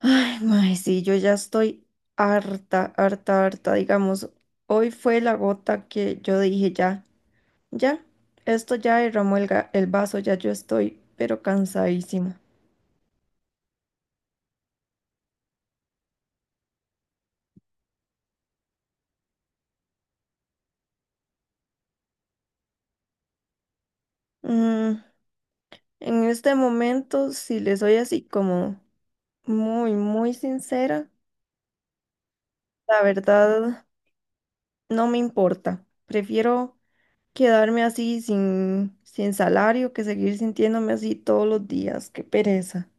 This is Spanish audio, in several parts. Ay, mae, sí, yo ya estoy harta, harta, harta. Digamos, hoy fue la gota que yo dije ya, ya, esto ya derramó el vaso, ya yo estoy, pero cansadísima. Mm, en este momento, si le soy así como muy, muy sincera, la verdad no me importa. Prefiero quedarme así sin salario que seguir sintiéndome así todos los días. Qué pereza.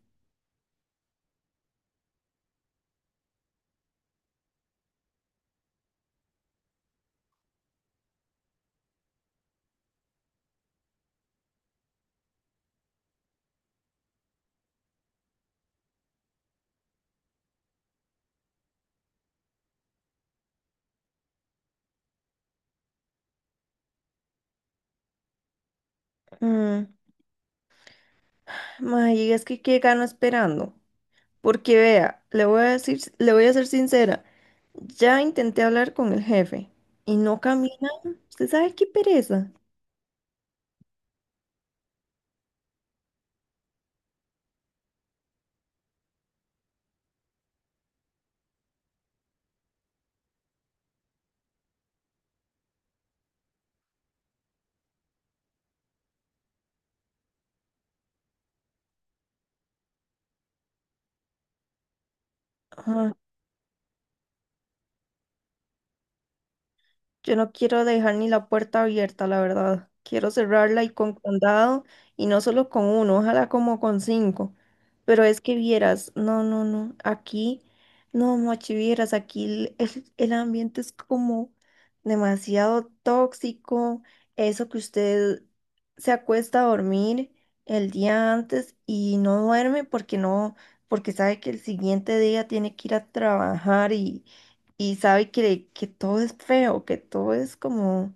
Mm, Mae, es que qué gano esperando. Porque vea, le voy a decir, le voy a ser sincera. Ya intenté hablar con el jefe y no camina. ¿Usted sabe qué pereza? Yo no quiero dejar ni la puerta abierta, la verdad. Quiero cerrarla y con candado, y no solo con uno, ojalá como con 5. Pero es que vieras, no, no, no, aquí, no, machi, vieras, aquí el ambiente es como demasiado tóxico. Eso que usted se acuesta a dormir el día antes y no duerme porque no, porque sabe que el siguiente día tiene que ir a trabajar y sabe que, que todo es feo, que todo es como,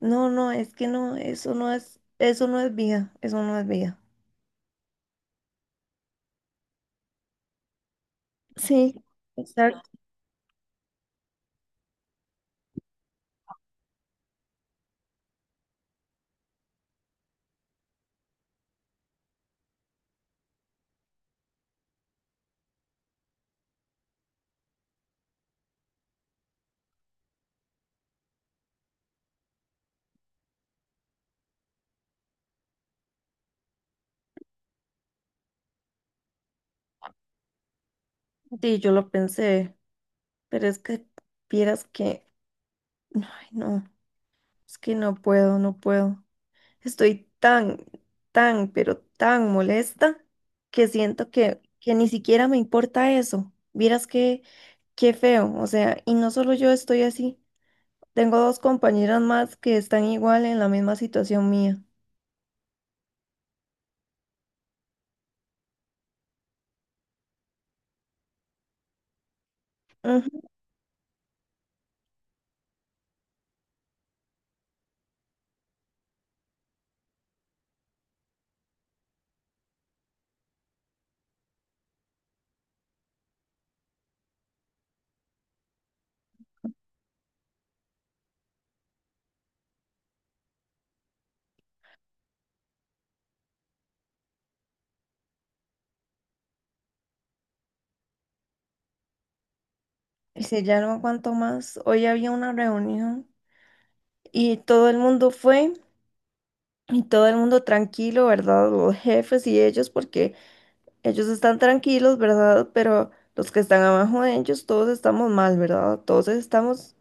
no, no, es que no, eso no es vida, eso no es vida. Sí, exacto. Sí, yo lo pensé, pero es que vieras que, ay, no, es que no puedo, no puedo. Estoy tan, tan, pero tan molesta que siento que ni siquiera me importa eso. Vieras que, qué feo, o sea, y no solo yo estoy así. Tengo dos compañeras más que están igual en la misma situación mía. Ujú. Y si ya no aguanto más, hoy había una reunión y todo el mundo fue y todo el mundo tranquilo, ¿verdad? Los jefes y ellos, porque ellos están tranquilos, ¿verdad? Pero los que están abajo de ellos, todos estamos mal, ¿verdad? Todos estamos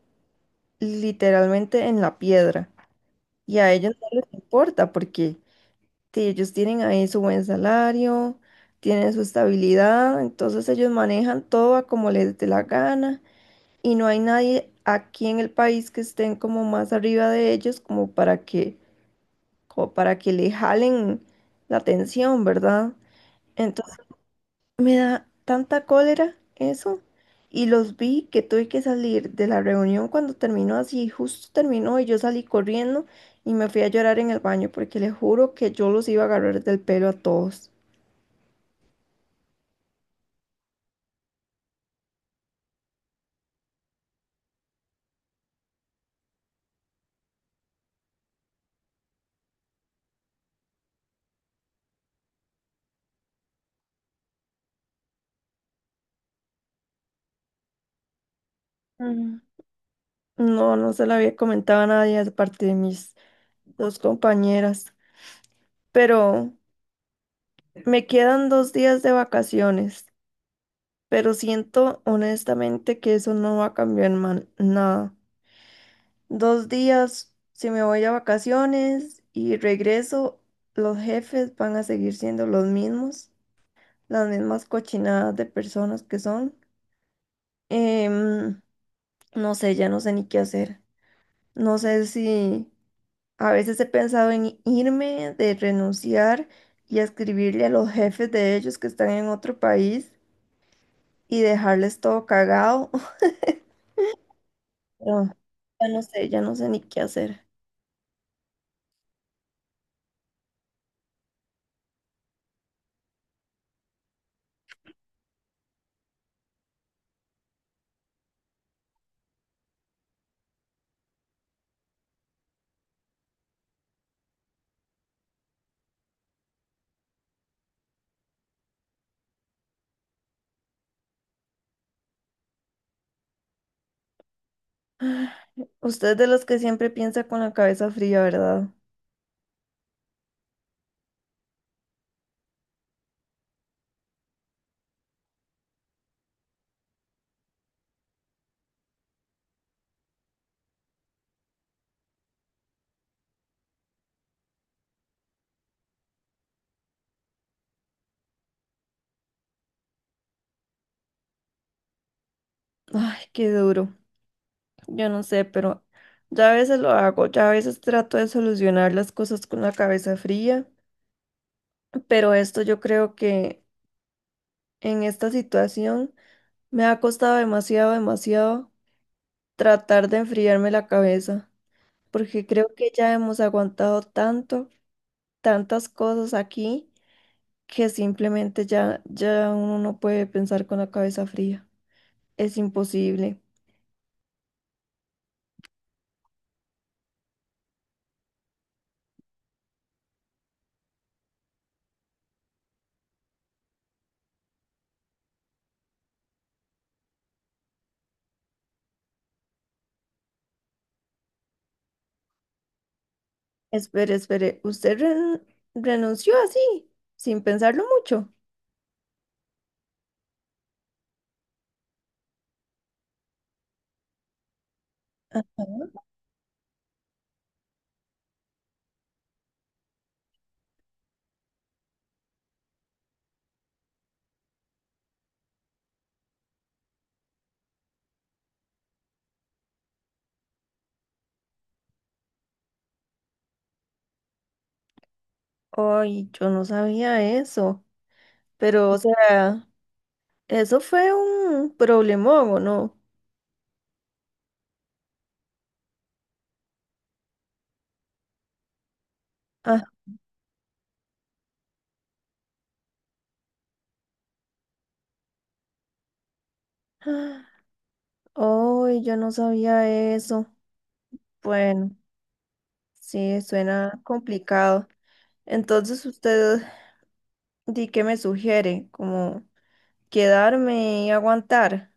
literalmente en la piedra y a ellos no les importa porque. Sí, ellos tienen ahí su buen salario, tienen su estabilidad, entonces ellos manejan todo a como les dé la gana y no hay nadie aquí en el país que estén como más arriba de ellos como para que le jalen la atención, ¿verdad? Entonces me da tanta cólera eso y los vi que tuve que salir de la reunión cuando terminó así, justo terminó y yo salí corriendo y me fui a llorar en el baño porque les juro que yo los iba a agarrar del pelo a todos. Mm, No, no se la había comentado a nadie aparte de mis 2 compañeras, pero me quedan 2 días de vacaciones, pero siento honestamente que eso no va a cambiar nada. Dos días, si me voy a vacaciones y regreso, los jefes van a seguir siendo los mismos, las mismas cochinadas de personas que son. Em, no sé, ya no sé ni qué hacer. No sé si... A veces he pensado en irme, de renunciar y escribirle a los jefes de ellos que están en otro país y dejarles todo cagado. Pero ya no sé ni qué hacer. Usted es de los que siempre piensa con la cabeza fría, ¿verdad? Ay, qué duro. Yo no sé, pero ya a veces lo hago, ya a veces trato de solucionar las cosas con la cabeza fría, pero esto yo creo que en esta situación me ha costado demasiado, demasiado tratar de enfriarme la cabeza, porque creo que ya hemos aguantado tanto, tantas cosas aquí, que simplemente ya uno no puede pensar con la cabeza fría. Es imposible. Espere, espere, ¿usted renunció así, sin pensarlo mucho? Ay, yo no sabía eso, pero o sea, eso fue un problemón, ¿o no? Ah. Oh, yo no sabía eso. Bueno, sí, suena complicado. Entonces, usted, ¿di qué me sugiere? ¿Como quedarme y aguantar?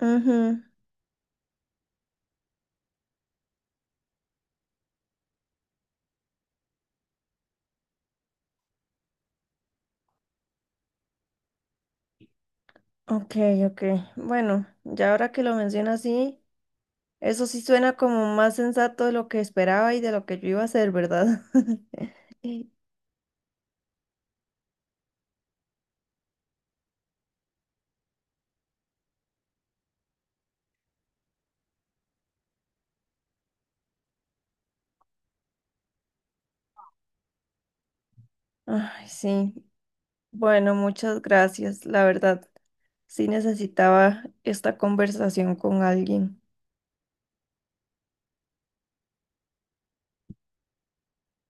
Ujú. Ok, ok. Bueno, ya ahora que lo menciona así, eso sí suena como más sensato de lo que esperaba y de lo que yo iba a hacer, ¿verdad? Ay, sí. Bueno, muchas gracias. La verdad, sí necesitaba esta conversación con alguien.